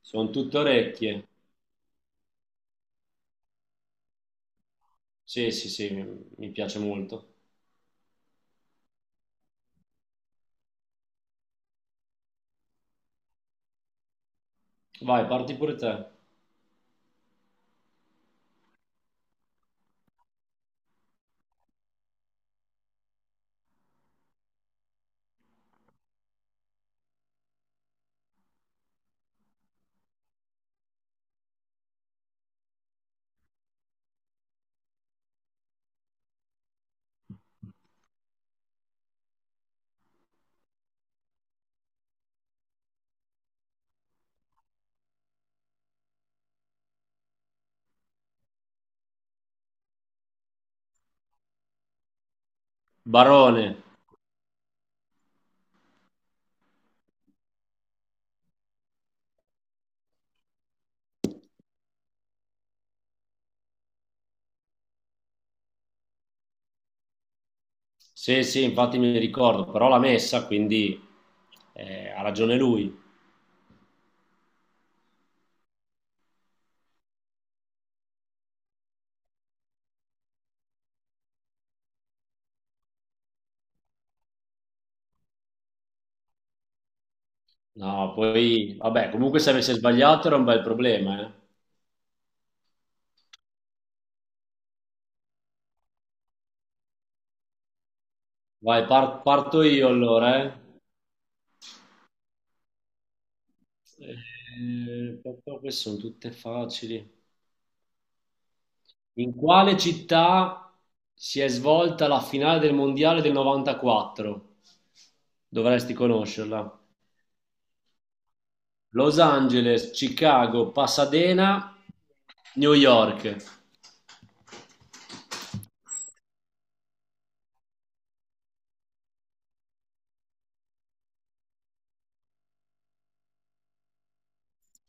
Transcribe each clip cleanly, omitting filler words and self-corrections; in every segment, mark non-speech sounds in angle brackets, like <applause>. Sono tutte orecchie. Sì, sì, sì, mi piace molto. Vai, parti pure te. Barone. Sì, sì, infatti mi ricordo, però l'ha messa, quindi ha ragione lui. No, poi, vabbè, comunque se avesse sbagliato era un bel problema, eh. Vai, parto io allora, eh. Queste sono tutte facili. In quale città si è svolta la finale del mondiale del 94? Dovresti conoscerla. Los Angeles, Chicago, Pasadena, New York.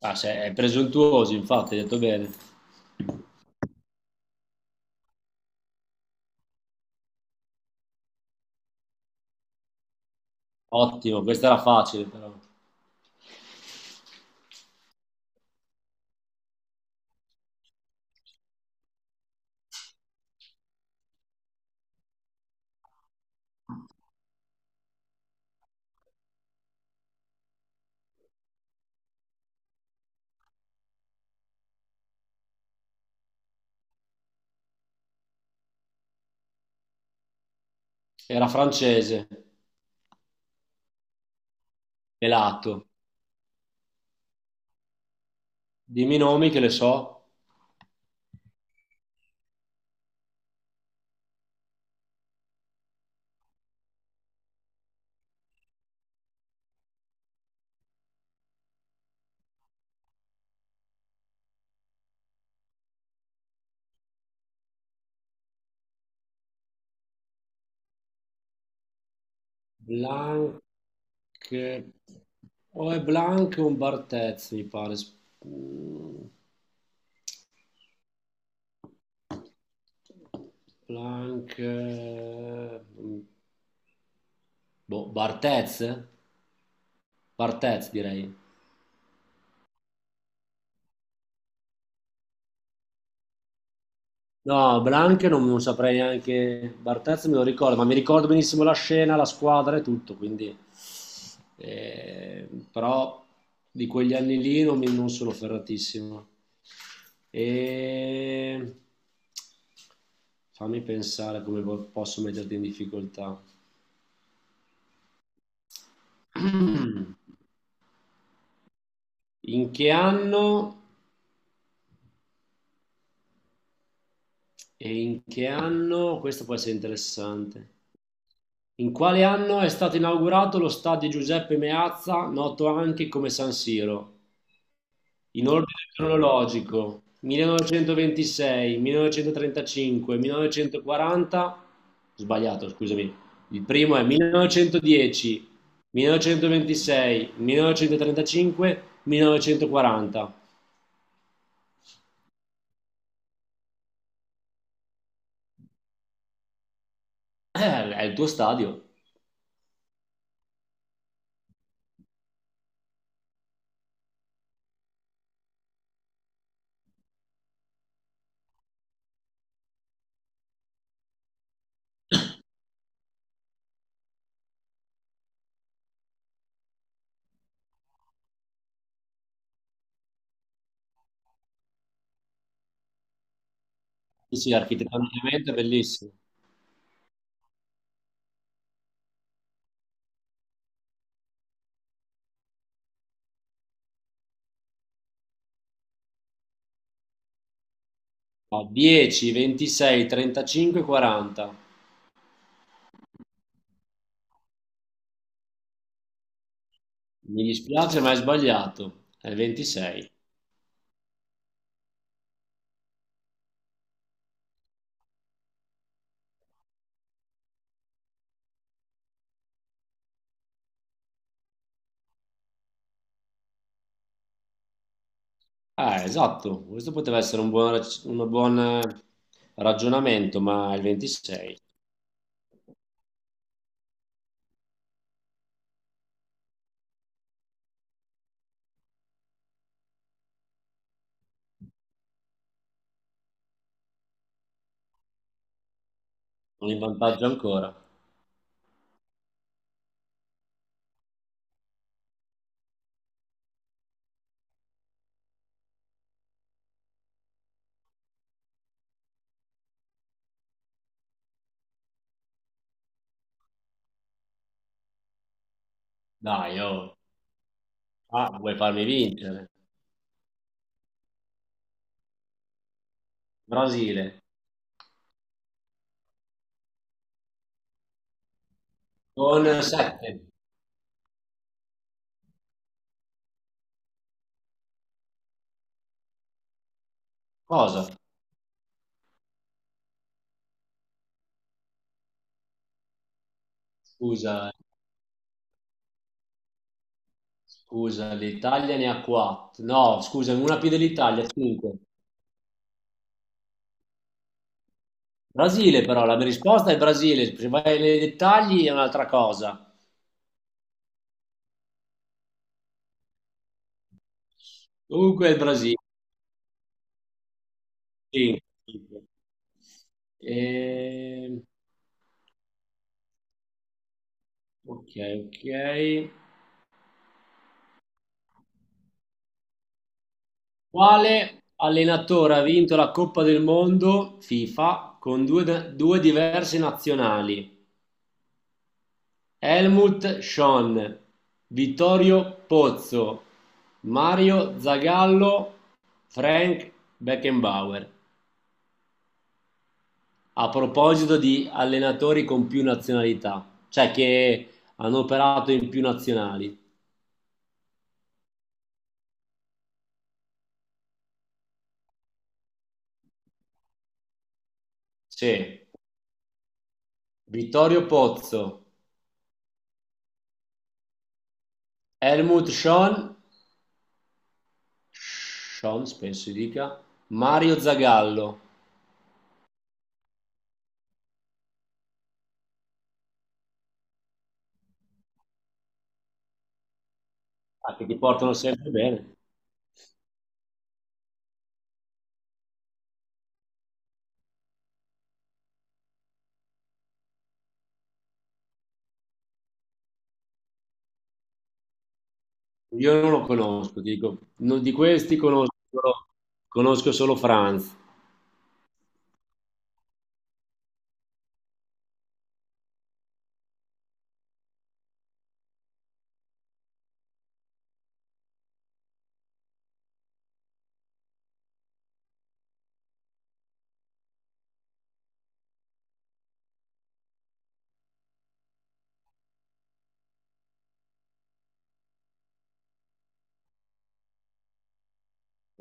Ah, è presuntuoso, infatti, hai detto bene. Ottimo, questa era facile però. Era francese, pelato. Dimmi i nomi che le so. Blanc. O è Blanc o un Barthez, mi pare. Mm. Blanc. Boh, Barthez? Barthez, direi. No, Blanche non saprei neanche, Barthez me lo ricordo, ma mi ricordo benissimo la scena, la squadra e tutto, quindi. Però di quegli anni lì non sono ferratissimo. E... Fammi pensare come posso metterti in difficoltà. <clears throat> In che anno? E in che anno? Questo può essere interessante. In quale anno è stato inaugurato lo stadio Giuseppe Meazza, noto anche come San Siro? In ordine cronologico, 1926, 1935, 1940, sbagliato, scusami. Il primo è 1910, 1926, 1935, 1940. È il tuo stadio. Sì, sì, architettonicamente è bellissimo. Fa 10, 26, 35, 40. Mi dispiace, ma hai sbagliato. È il 26. Ah, esatto. Questo poteva essere un buon ragionamento, ma è il 26. Sono in vantaggio ancora. Dai, oh. Ah, vuoi farmi vincere? Brasile con 7. Cosa? Scusa, scusa, l'Italia ne ha 4. No, scusa, una più dell'Italia, 5. Brasile però, la mia risposta è Brasile. Se vai nei dettagli è un'altra cosa. Comunque è il Brasile. Sì, tipo. Ehm, ok, ok. Quale allenatore ha vinto la Coppa del Mondo FIFA con due diverse nazionali? Helmut Schön, Vittorio Pozzo, Mario Zagallo, Frank Beckenbauer. A proposito di allenatori con più nazionalità, cioè che hanno operato in più nazionali. Sì, Vittorio Pozzo. Helmut Schön, Schön penso si dica, Mario Zagallo, ah, che ti portano sempre bene. Io non lo conosco, ti dico, di questi conosco solo Franz.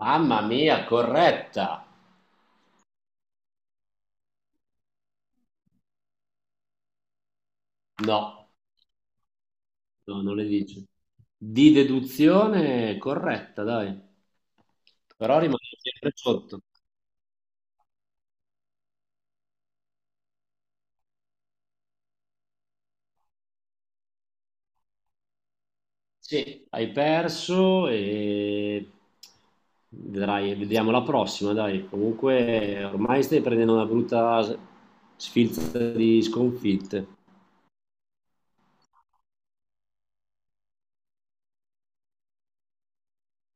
Mamma mia, corretta! No, no, non le dice. Di deduzione corretta, dai. Però rimane sempre sotto. Sì, hai perso e vedrai, vediamo la prossima, dai. Comunque ormai stai prendendo una brutta sfilza di sconfitte.